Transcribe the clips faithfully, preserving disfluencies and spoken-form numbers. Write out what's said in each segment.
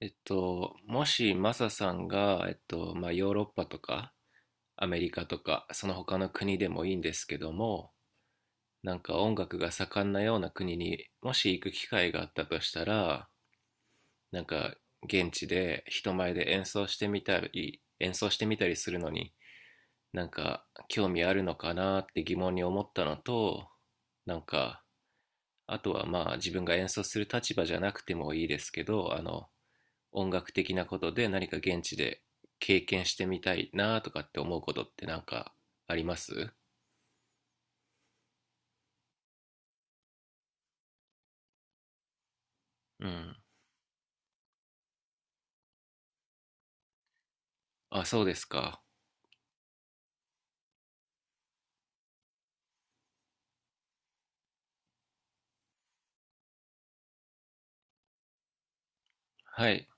えっと、もしマサさんが、えっと、まあ、ヨーロッパとかアメリカとかその他の国でもいいんですけども、なんか音楽が盛んなような国にもし行く機会があったとしたら、なんか現地で人前で演奏してみたり、演奏してみたりするのに、なんか興味あるのかなって疑問に思ったのと、なんか、あとはまあ自分が演奏する立場じゃなくてもいいですけど、あの、音楽的なことで何か現地で経験してみたいなとかって思うことってなんかあります？うん。あ、そうですか。はい。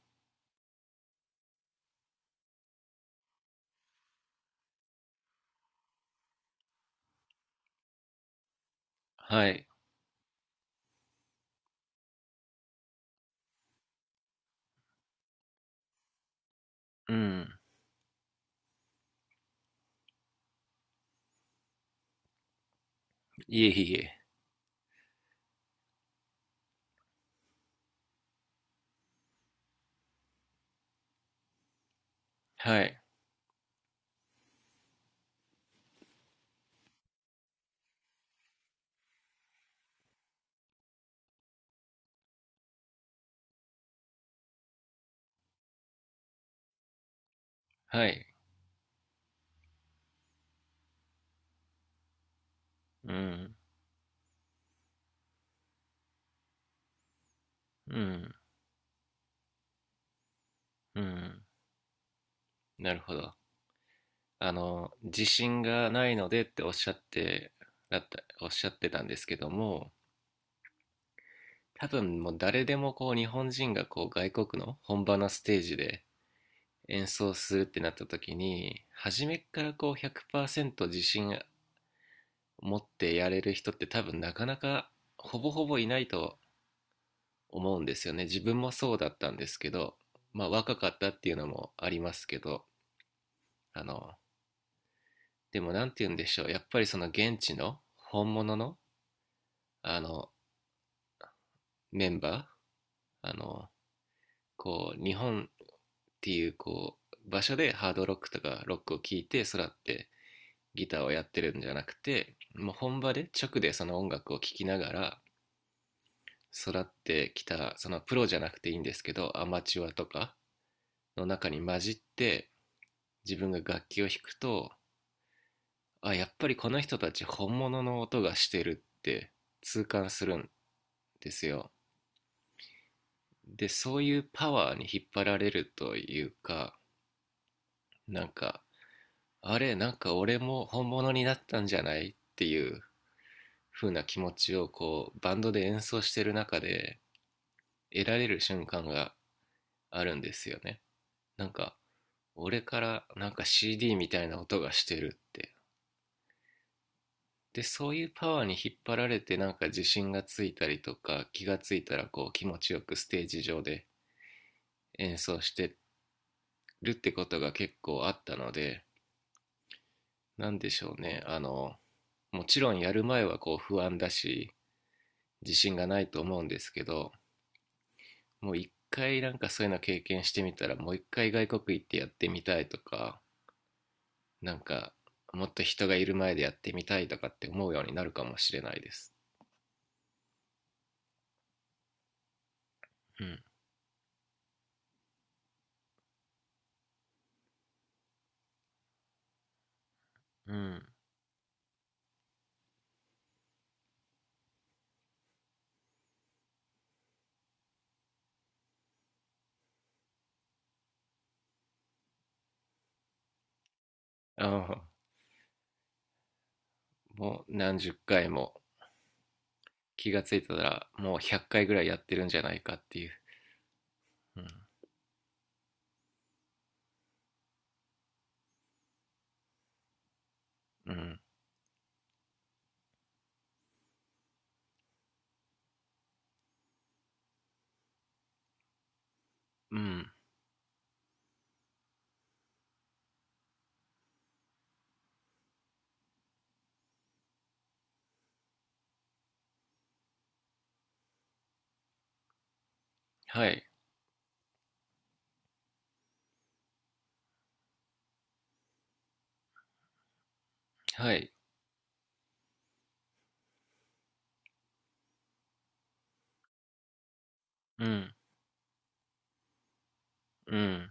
はい。うん。いえいえ。はい。はい。うん。うん。うん。なるほど。あの、自信がないのでっておっしゃって、だった、おっしゃってたんですけども、多分もう誰でもこう日本人がこう外国の本場のステージで演奏するってなった時に初めからこうひゃくパーセント自信持ってやれる人って多分なかなかほぼほぼいないと思うんですよね。自分もそうだったんですけど、まあ若かったっていうのもありますけど、あのでもなんて言うんでしょう、やっぱりその現地の本物のあのメンバーあのこう日本っていうこう場所でハードロックとかロックを聴いて育ってギターをやってるんじゃなくて、もう本場で直でその音楽を聴きながら育ってきたそのプロじゃなくていいんですけど、アマチュアとかの中に混じって自分が楽器を弾くと、あ、やっぱりこの人たち本物の音がしてるって痛感するんですよ。で、そういうパワーに引っ張られるというか、なんかあれなんか俺も本物になったんじゃないっていう風な気持ちをこうバンドで演奏してる中で得られる瞬間があるんですよね。なんか、俺からなんか シーディー みたいな音がしてるって。で、そういうパワーに引っ張られてなんか自信がついたりとか、気がついたらこう気持ちよくステージ上で演奏してるってことが結構あったので、なんでしょうね。あの、もちろんやる前はこう不安だし、自信がないと思うんですけど、もう一回なんかそういうの経験してみたら、もう一回外国行ってやってみたいとか、なんかもっと人がいる前でやってみたいとかって思うようになるかもしれないです。うんうん。あ、もう何十回も、気がついたらもうひゃっかいぐらいやってるんじゃないかっていう。うん。うんうん、はいはい、うん。うん。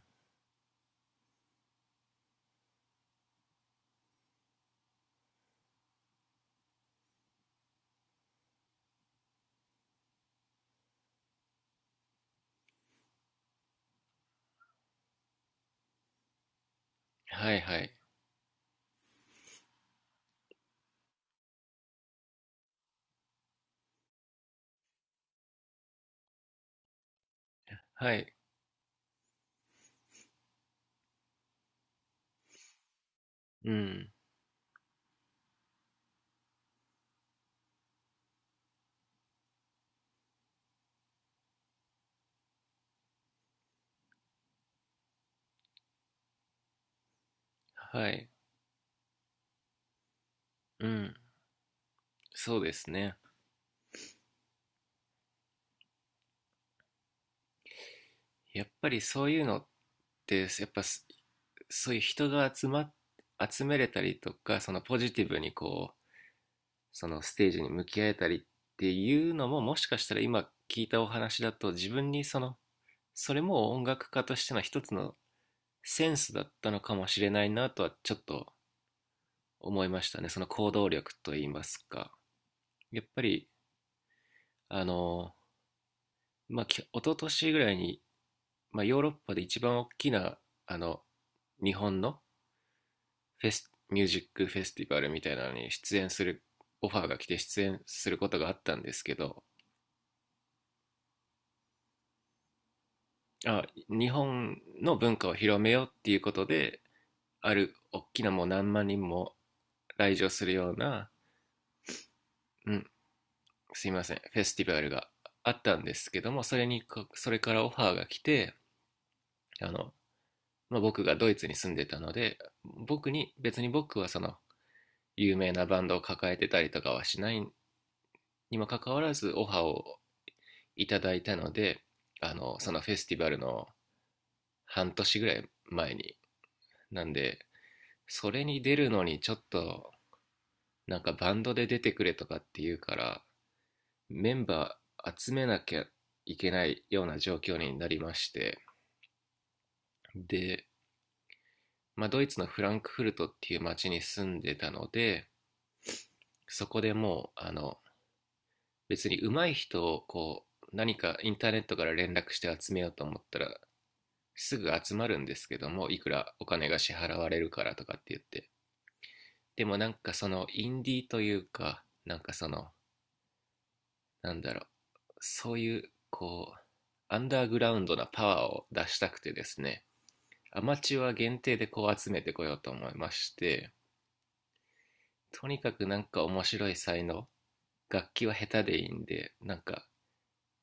はいはいはい、うん。はい、うん。そうですね、やっぱりそういうのって、やっぱそういう人が集まっ集めれたりとか、そのポジティブにこうそのステージに向き合えたりっていうのも、もしかしたら今聞いたお話だと、自分にそのそれも音楽家としての一つのセンスだったのかもしれないなとはちょっと思いましたね、その行動力といいますか。やっぱりあのまあ一昨年ぐらいに、まあ、ヨーロッパで一番大きなあの日本のフェスミュージックフェスティバルみたいなのに出演するオファーが来て出演することがあったんですけど、あ、日本の文化を広めようっていうことで、ある大きな、もう何万人も来場するような、うん、すいません、フェスティバルがあったんですけども、それにこそれからオファーが来て、あの、まあ、僕がドイツに住んでたので、僕に、別に僕はその、有名なバンドを抱えてたりとかはしないにもかかわらずオファーをいただいたので、あの、そのフェスティバルの半年ぐらい前に、なんで、それに出るのにちょっとなんかバンドで出てくれとかって言うから、メンバー集めなきゃいけないような状況になりまして、で、まあ、ドイツのフランクフルトっていう町に住んでたので、そこでもうあの別に上手い人をこう何かインターネットから連絡して集めようと思ったらすぐ集まるんですけども、いくらお金が支払われるからとかって言って、でもなんかそのインディーというか、なんかそのなんだろう、そういう、こう、アンダーグラウンドなパワーを出したくてですね、アマチュア限定でこう集めてこようと思いまして、とにかくなんか面白い才能、楽器は下手でいいんで、なんか、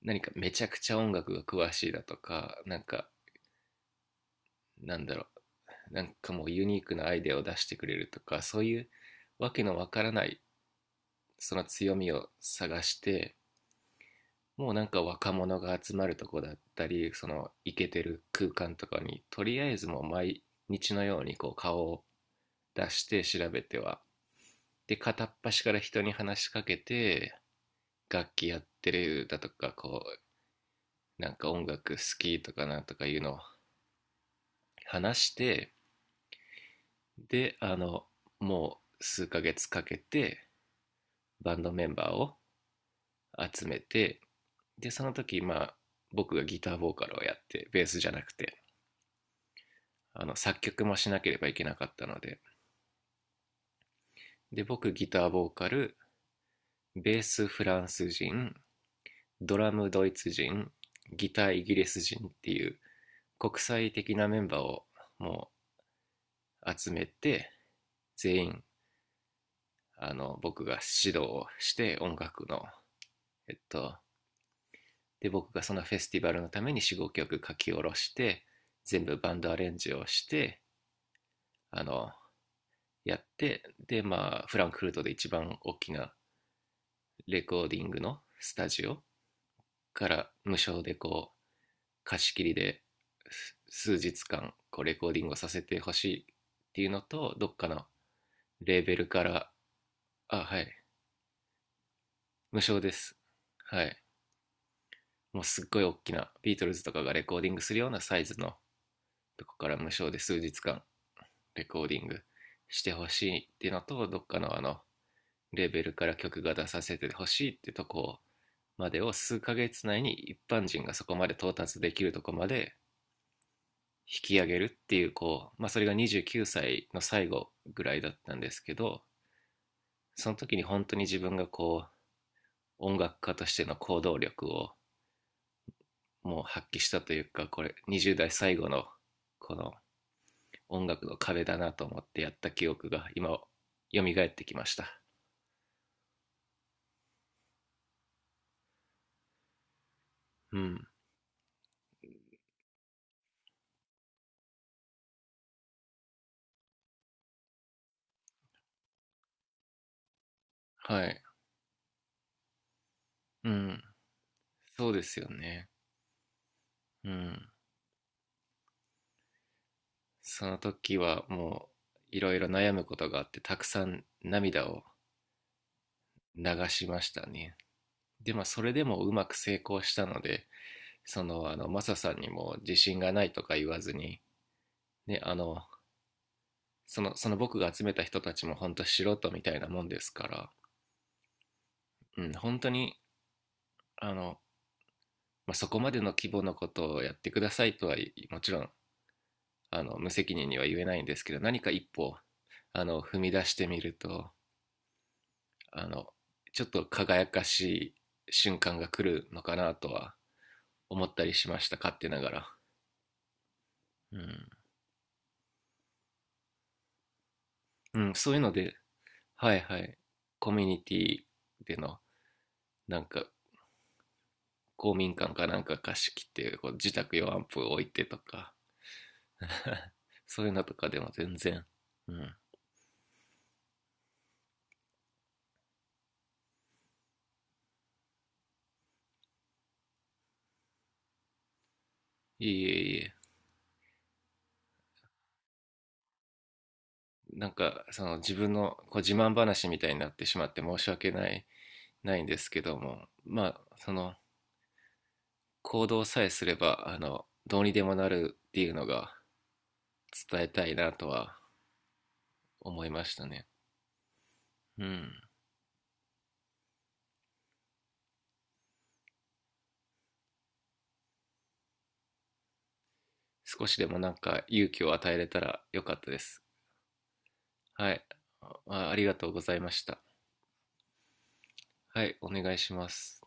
何かめちゃくちゃ音楽が詳しいだとか、なんか、なんだろう、なんかもうユニークなアイデアを出してくれるとか、そういうわけのわからない、その強みを探して、もうなんか若者が集まるとこだったり、そのイケてる空間とかに、とりあえずもう毎日のようにこう顔を出して調べては、で、片っ端から人に話しかけて、楽器やってるだとか、こう、なんか音楽好きとかなんとかいうのを話して、で、あの、もう数ヶ月かけてバンドメンバーを集めて、で、その時、まあ、僕がギターボーカルをやって、ベースじゃなくて、あの作曲もしなければいけなかったので、で僕ギターボーカル、ベースフランス人、ドラムドイツ人、ギターイギリス人っていう国際的なメンバーをもう集めて、全員あの僕が指導をして、音楽のえっとで、僕がそのフェスティバルのためによんじゅうごきょく書き下ろして、全部バンドアレンジをして、あのやって、でまあフランクフルトで一番大きなレコーディングのスタジオから、無償でこう貸し切りで数日間こうレコーディングをさせてほしいっていうのと、どっかのレーベルから、あ、はい、無償です。はい、もうすっごい大きなビートルズとかがレコーディングするようなサイズのとこから無償で数日間レコーディングしてほしいっていうのと、どっかのあのレーベルから曲が出させてほしいってとこまでを、数ヶ月内に一般人がそこまで到達できるとこまで引き上げるっていう、こう、まあ、それがにじゅうきゅうさいの最後ぐらいだったんですけど、その時に本当に自分がこう音楽家としての行動力をもう発揮したというか、これにじゅう代最後のこの音楽の壁だなと思ってやった記憶が今蘇ってきました。うん、はい、うん、そうですよね、うん。その時はもういろいろ悩むことがあって、たくさん涙を流しましたね。で、まあ、それでもうまく成功したので、その、あの、マサさんにも自信がないとか言わずに、ね、あの、その、その僕が集めた人たちも本当素人みたいなもんですから、うん、本当に、あの、まあ、そこまでの規模のことをやってくださいとは、もちろん、あの、無責任には言えないんですけど、何か一歩、あの、踏み出してみると、あの、ちょっと輝かしい瞬間が来るのかなとは思ったりしました、勝手ながら。うん、うん、そういうので、はいはい。コミュニティでの、なんか、公民館かなんか貸し切って、こう自宅用アンプを置いてとか、そういうのとかでも全然、うん。いえいえいえ。なんか、その自分のこう自慢話みたいになってしまって申し訳ない、ないんですけども、まあ、その、行動さえすれば、あの、どうにでもなるっていうのが伝えたいなとは思いましたね。うん。少しでもなんか勇気を与えれたらよかったです。はい。あまありがとうございました。はい、お願いします。